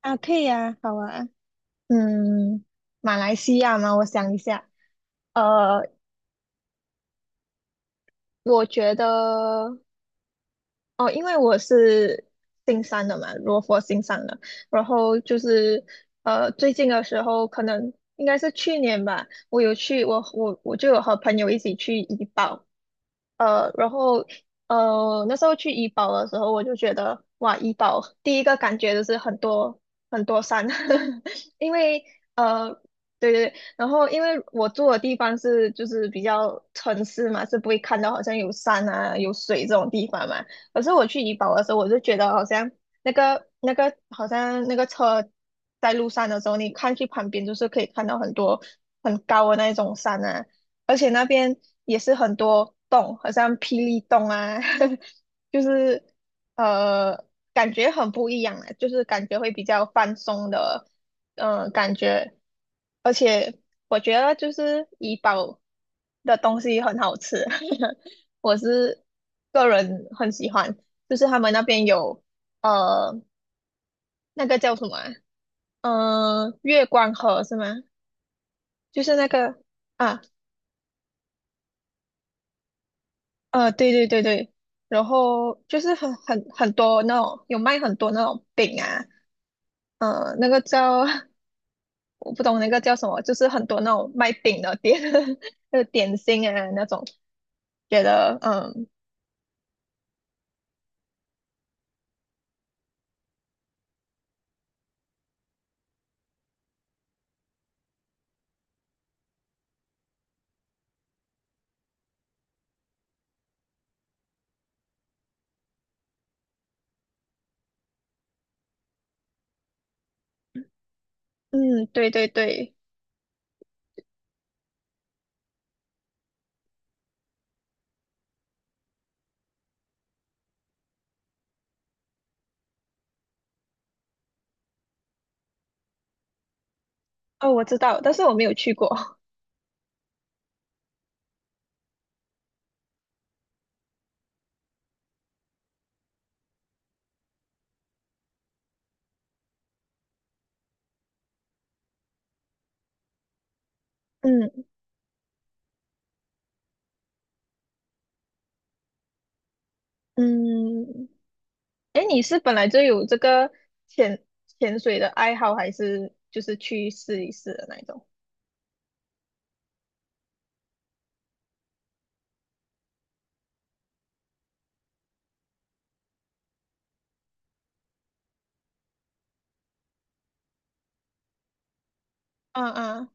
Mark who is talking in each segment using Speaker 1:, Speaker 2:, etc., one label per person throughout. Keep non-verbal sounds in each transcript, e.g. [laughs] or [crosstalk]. Speaker 1: 啊，可以啊，好啊。嗯，马来西亚吗？我想一下，呃，我觉得。哦，因为我是新山的嘛，罗佛新山的，然后就是最近的时候可能应该是去年吧，我有去，我就有和朋友一起去怡保。呃，然后那时候去怡保的时候，我就觉得哇，怡保第一个感觉就是很多山，[laughs] 因为呃对对对。然后因为我住的地方是就是比较城市嘛，是不会看到好像有山啊有水这种地方嘛。可是我去怡保的时候，我就觉得好像那个好像那个车在路上的时候，你看去旁边就是可以看到很多很高的那种山啊，而且那边也是很多洞，好像霹雳洞啊，[laughs] 就是呃感觉很不一样啊，就是感觉会比较放松的，嗯、感觉，而且我觉得就是怡保的东西很好吃。[laughs] 我是个人很喜欢，就是他们那边有呃那个叫什么啊？呃，月光河是吗？就是那个啊对对对对。然后就是很多那种有卖很多那种饼啊，呃，那个叫 [laughs] 我不懂那个叫什么，就是很多那种卖饼的店，[laughs] 那个点心啊那种，觉得嗯嗯对对对。哦我知道，但是我没有去过，[laughs] 嗯嗯。哎，你是本来就有这个潜潜水的爱好，还是就是去试一试的那一种？嗯嗯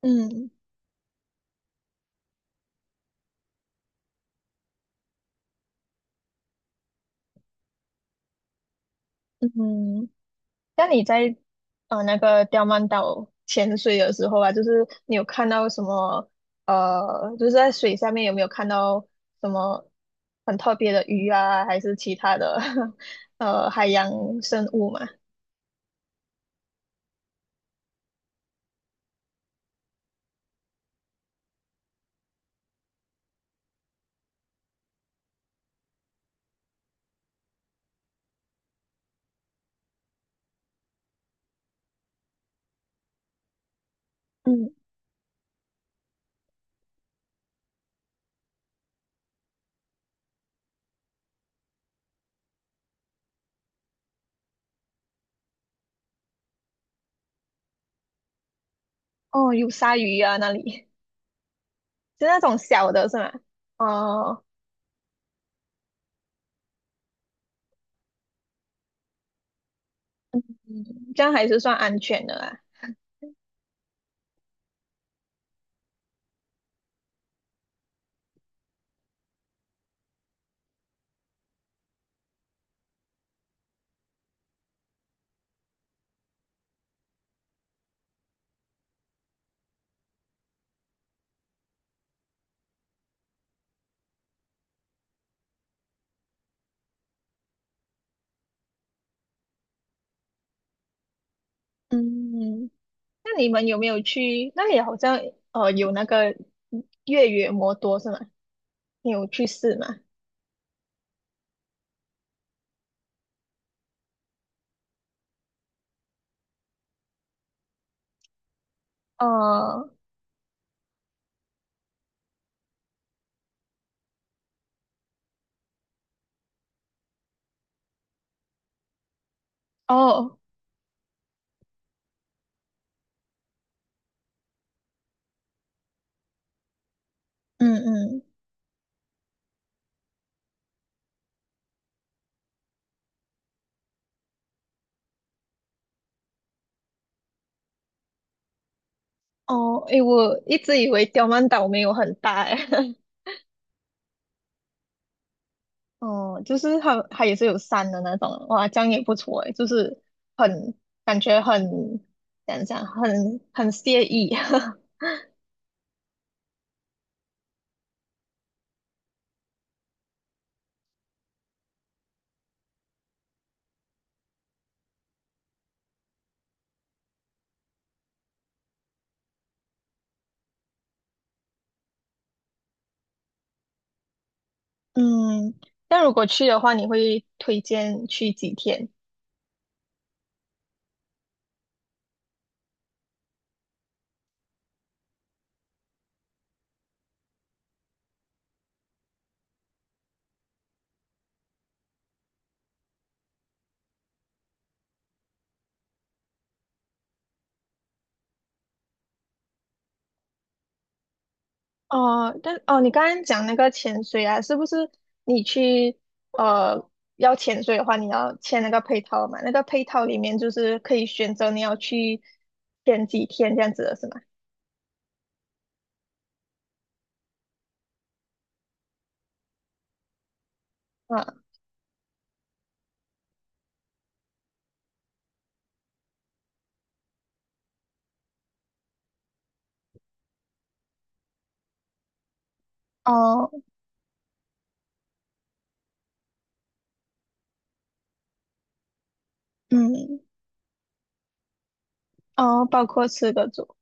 Speaker 1: 嗯嗯，那你在那个刁曼岛潜水的时候啊，就是你有看到什么就是在水下面有没有看到什么很特别的鱼啊，还是其他的 [laughs] 海洋生物嘛？嗯，哦，有鲨鱼啊，那里 [laughs] 是那种小的是吗？哦，嗯，这样还是算安全的啦。嗯，那你们有没有去？那里好像有那个越野摩托是吗？你有去试吗？呃，哦，嗯嗯。哦，诶，我一直以为刁曼岛没有很大诶，[laughs] 哦，就是它它也是有山的那种，哇，这样也不错诶，就是很感觉很怎样讲，很惬意。[laughs] 嗯，那如果去的话，你会推荐去几天？哦，但哦，你刚刚讲那个潜水啊，是不是你去呃要潜水的话，你要签那个配套嘛？那个配套里面就是可以选择你要去潜几天这样子的是吗？啊，哦，嗯，哦，包括四个组。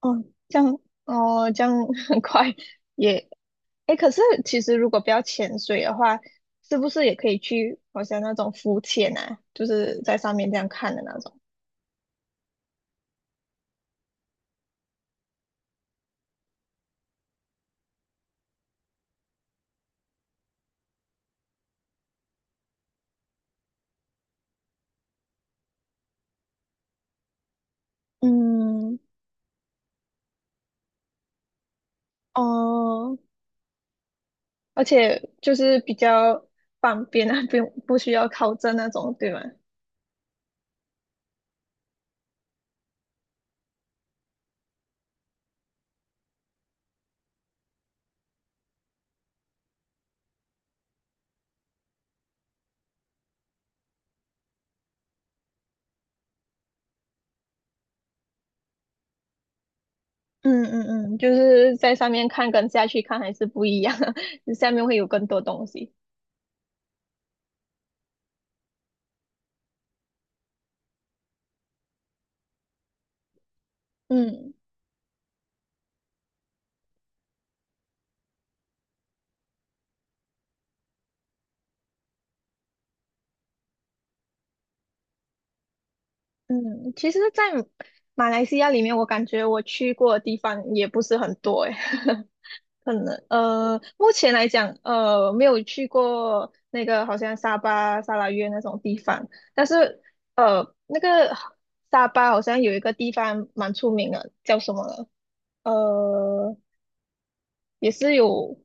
Speaker 1: 哦，这样，哦，这样 [laughs] 很快也。诶，可是其实如果不要潜水的话，是不是也可以去好像那种浮潜啊，就是在上面这样看的那种？嗯，哦。而且就是比较方便啊，[laughs] 不需要考证那种，对吗？嗯嗯嗯，就是在上面看跟下去看还是不一样啊，[laughs] 就下面会有更多东西。嗯嗯，其实，在马来西亚里面，我感觉我去过的地方也不是很多诶。[laughs] 可能目前来讲，没有去过那个好像沙巴、沙拉约那种地方，但是那个沙巴好像有一个地方蛮出名的，叫什么了呃，也是有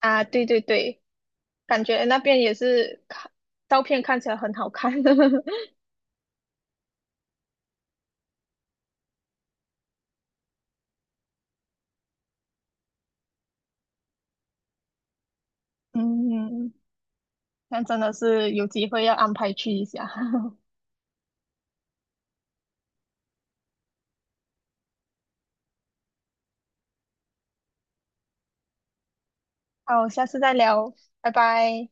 Speaker 1: 啊，对对对，感觉那边也是看照片看起来很好看，[laughs] 嗯，那真的是有机会要安排去一下。[laughs] 好，下次再聊，拜拜。